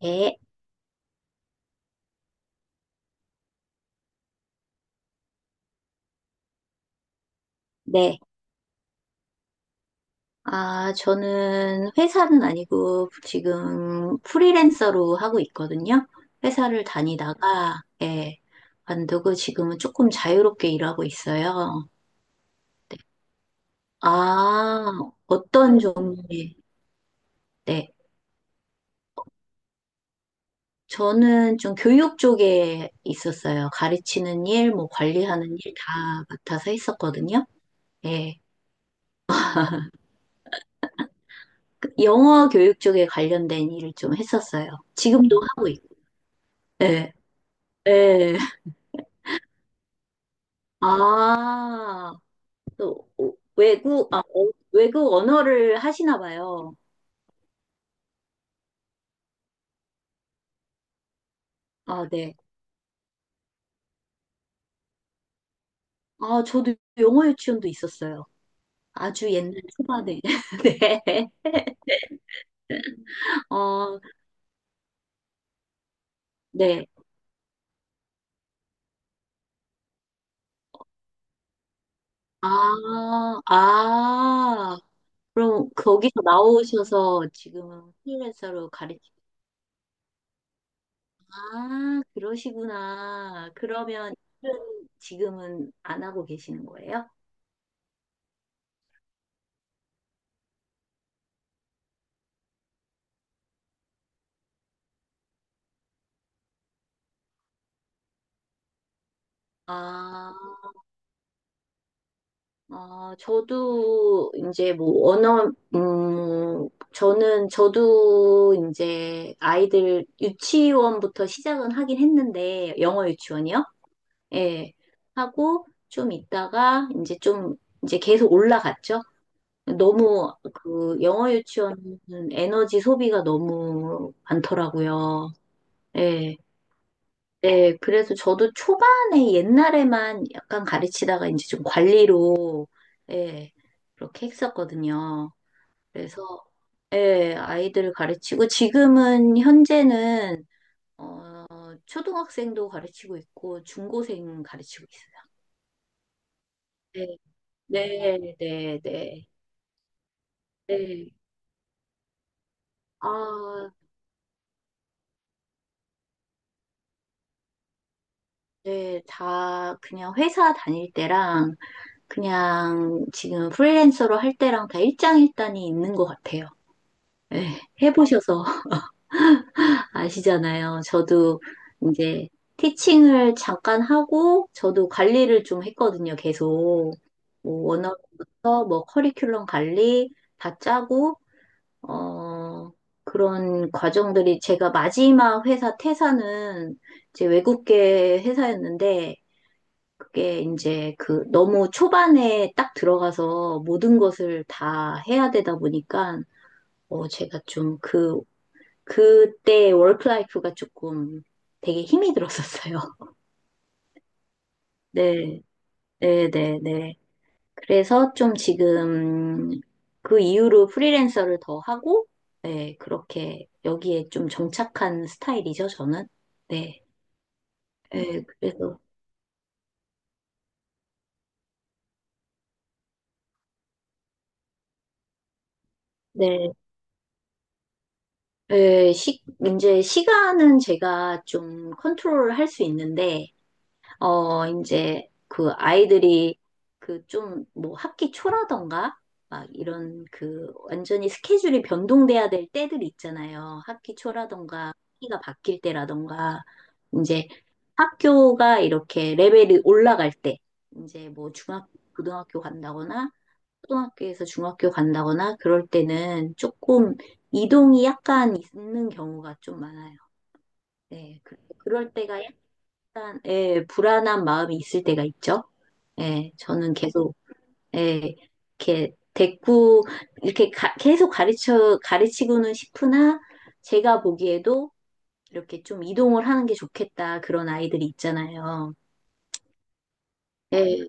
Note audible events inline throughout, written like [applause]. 네, 네. 아, 저는 회사는 아니고 지금 프리랜서로 하고 있거든요. 회사를 다니다가, 예, 관두고 지금은 조금 자유롭게 일하고 있어요. 아, 어떤 종, 네. 저는 좀 교육 쪽에 있었어요. 가르치는 일, 뭐 관리하는 일 다 맡아서 했었거든요. 예. 그 영어 교육 쪽에 관련된 일을 좀 했었어요. 지금도 하고 있고, 예, 예. 아, 또 외국 외국 언어를 하시나 봐요. 아, 네. 아, 저도 영어 유치원도 있었어요. 아주 옛날 초반에. [laughs] 네. 어, 네. 아, 아. 그럼 거기서 나오셔서 지금은 프리랜서로 가르치고. 아, 그러시구나. 그러면 일은 지금은 안 하고 계시는 거예요? 아, 아, 저도 이제 뭐 언어, 저는 저도 이제 아이들 유치원부터 시작은 하긴 했는데 영어 유치원이요? 예. 하고 좀 있다가 이제 좀 이제 계속 올라갔죠. 너무 그 영어 유치원은 에너지 소비가 너무 많더라고요. 예. 네, 그래서 저도 초반에 옛날에만 약간 가르치다가 이제 좀 관리로, 예, 그렇게 했었거든요. 그래서, 예, 아이들 가르치고 지금은 현재는, 어, 초등학생도 가르치고 있고 중고생 가르치고 있어요. 네, 네, 네, 네. 네. 아, 네, 다 그냥 회사 다닐 때랑 그냥 지금 프리랜서로 할 때랑 다 일장일단이 있는 것 같아요. 에, 해보셔서 [laughs] 아시잖아요. 저도 이제 티칭을 잠깐 하고, 저도 관리를 좀 했거든요, 계속. 뭐 원어부터 뭐 커리큘럼 관리 다 짜고, 어, 그런 과정들이 제가 마지막 회사 퇴사는 이제 외국계 회사였는데, 그게 이제 그 너무 초반에 딱 들어가서 모든 것을 다 해야 되다 보니까, 어, 제가 좀그 그때 워크라이프가 조금 되게 힘이 들었었어요. [laughs] 네, 네, 네, 네. 그래서 좀 지금 그 이후로 프리랜서를 더 하고, 네, 그렇게 여기에 좀 정착한 스타일이죠, 저는. 네, 네, 그래서. 네, 네, 시, 이제 시간은 제가 좀 컨트롤 할 수 있는데, 어, 이제 그 아이들이 그 좀 뭐 학기 초라던가 막 이런 그 완전히 스케줄이 변동돼야 될 때들이 있잖아요. 학기 초라던가 학기가 바뀔 때라던가 이제 학교가 이렇게 레벨이 올라갈 때 이제 뭐 중학교, 고등학교 간다거나 초등학교에서 중학교 간다거나 그럴 때는 조금 이동이 약간 있는 경우가 좀 많아요. 네, 그럴 때가 일단, 예, 불안한 마음이 있을 때가 있죠. 예, 저는 계속, 예, 이렇게 대꾸, 이렇게 계속 가르치고는 싶으나, 제가 보기에도 이렇게 좀 이동을 하는 게 좋겠다. 그런 아이들이 있잖아요. 예,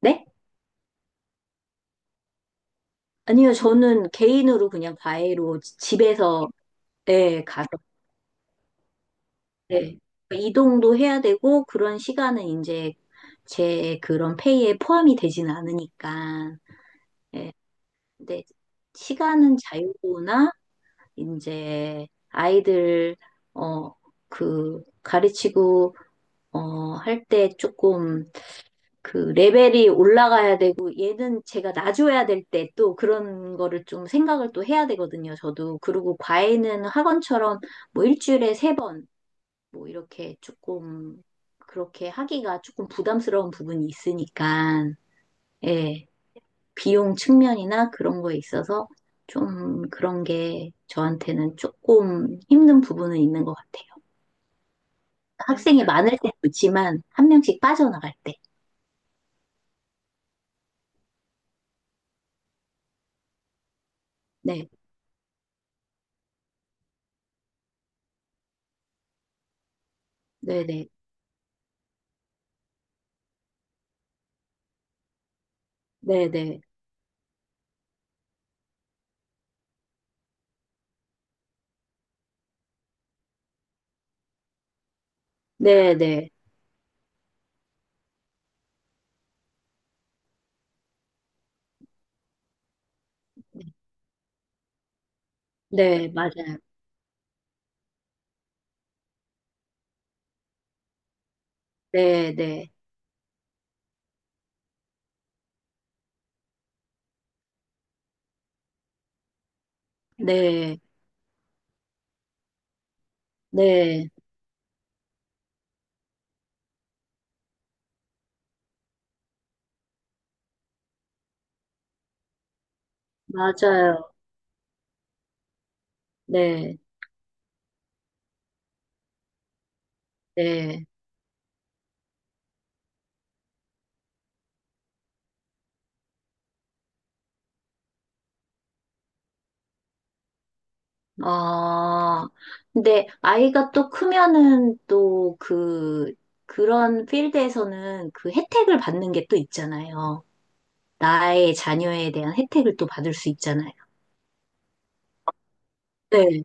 네? 아니요, 저는 개인으로 그냥 과외로 집에서, 예, 가서, 예. 그러니까 이동도 해야 되고, 그런 시간은 이제 제 그런 페이에 포함이 되지는 않으니까. 예, 근데 시간은 자유로우나 이제 아이들 어 그 가르치고 어 할 때 조금 그 레벨이 올라가야 되고 얘는 제가 놔줘야 될 때 또 그런 거를 좀 생각을 또 해야 되거든요. 저도 그리고 과외는 학원처럼 뭐 일주일에 세 번 뭐 이렇게 조금 그렇게 하기가 조금 부담스러운 부분이 있으니까 예. 비용 측면이나 그런 거에 있어서 좀 그런 게 저한테는 조금 힘든 부분은 있는 것 같아요. 학생이 그러니까 많을 때 좋지만 한 명씩 빠져나갈 때. 네, 네네, 네네, 네네, 네, 네, 네. 네, 맞아요. 네네, 네, 네, 네. 맞아요. 네, 네. 아, 근데 아이가 또 크면은 또 그, 그런 필드에서는 그 혜택을 받는 게 또 있잖아요. 나의 자녀에 대한 혜택을 또 받을 수 있잖아요. 네.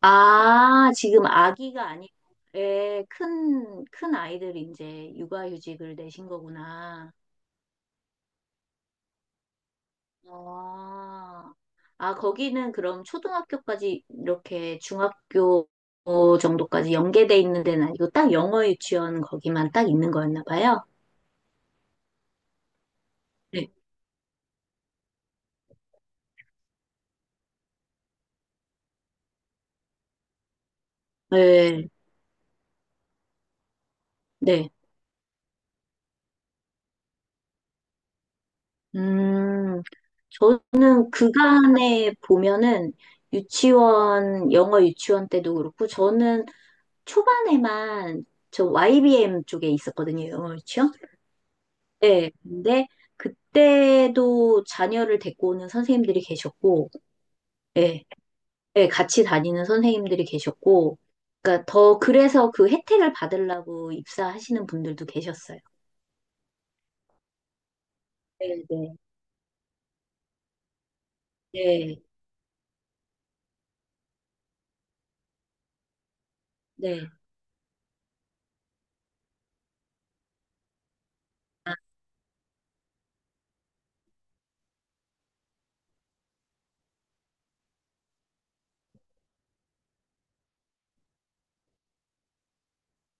아, 지금 아기가 아니고, 예, 큰, 큰 아이들이 이제 육아휴직을 내신 거구나. 아, 아, 거기는 그럼 초등학교까지 이렇게 중학교 정도까지 연계돼 있는 데는 아니고 딱 영어 유치원 거기만 딱 있는 거였나 봐요. 네. 네. 네. 음, 저는 그간에 보면은 유치원, 영어 유치원 때도 그렇고, 저는 초반에만 저 YBM 쪽에 있었거든요, 영어 유치원. 네, 근데 그때도 자녀를 데리고 오는 선생님들이 계셨고, 예, 예, 같이 다니는 선생님들이 계셨고, 그러니까 더 그래서 그 혜택을 받으려고 입사하시는 분들도 계셨어요. 네, 네, 네, 네.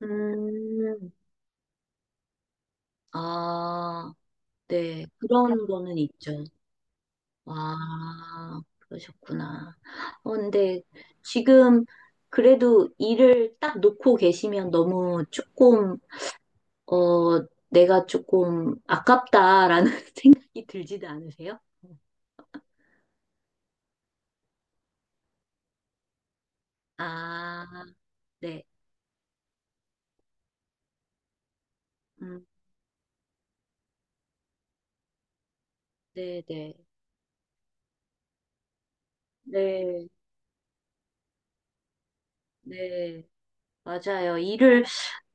음, 아. 네, 그런 거는 있죠. 아, 그러셨구나. 어, 근데 지금 그래도 일을 딱 놓고 계시면 너무 조금, 어, 내가 조금 아깝다라는 [laughs] 생각이 들지도 않으세요? 아, 네. 음, 네, 네. 네, 네. 맞아요. 일을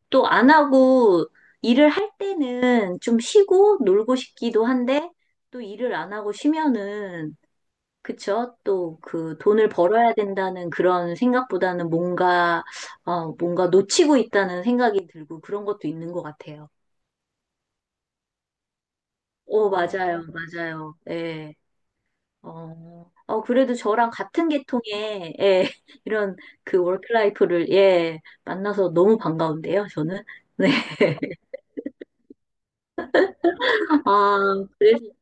또 안 하고, 일을 할 때는 좀 쉬고 놀고 싶기도 한데, 또 일을 안 하고 쉬면은 그쵸? 또 그 돈을 벌어야 된다는 그런 생각보다는 뭔가, 어, 뭔가 놓치고 있다는 생각이 들고 그런 것도 있는 것 같아요. 오, 맞아요, 어, 맞아요. 예. 어, 어, 그래도 저랑 같은 계통의, 예, [laughs] 이런 그 워크라이프를, 예, 만나서 너무 반가운데요, 저는. 네. [laughs] 아, 그래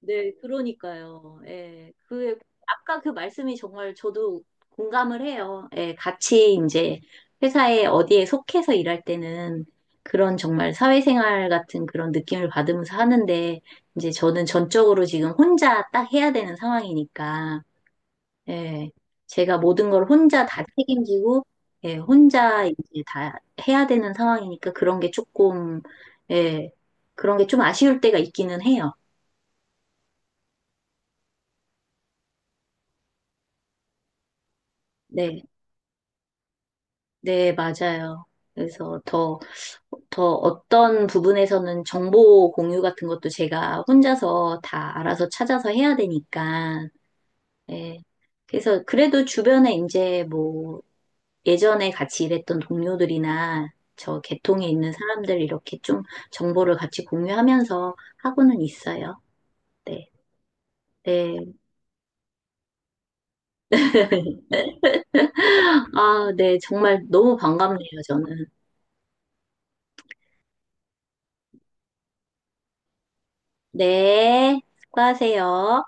네, 그러니까요. 예. 그, 아까 그 말씀이 정말 저도 공감을 해요. 예, 같이 이제 회사에 어디에 속해서 일할 때는 그런 정말 사회생활 같은 그런 느낌을 받으면서 하는데, 이제 저는 전적으로 지금 혼자 딱 해야 되는 상황이니까, 예, 제가 모든 걸 혼자 다 책임지고, 예, 혼자 이제 다 해야 되는 상황이니까 그런 게 조금, 예, 그런 게 좀 아쉬울 때가 있기는 해요. 네. 네, 맞아요. 그래서 더, 더 어떤 부분에서는 정보 공유 같은 것도 제가 혼자서 다 알아서 찾아서 해야 되니까, 예. 그래서 그래도 주변에 이제 뭐 예전에 같이 일했던 동료들이나 저 계통에 있는 사람들 이렇게 좀 정보를 같이 공유하면서 하고는 있어요. 네, 네. [laughs] 아, 네. 정말 너무 반갑네요, 저는. 네. 수고하세요.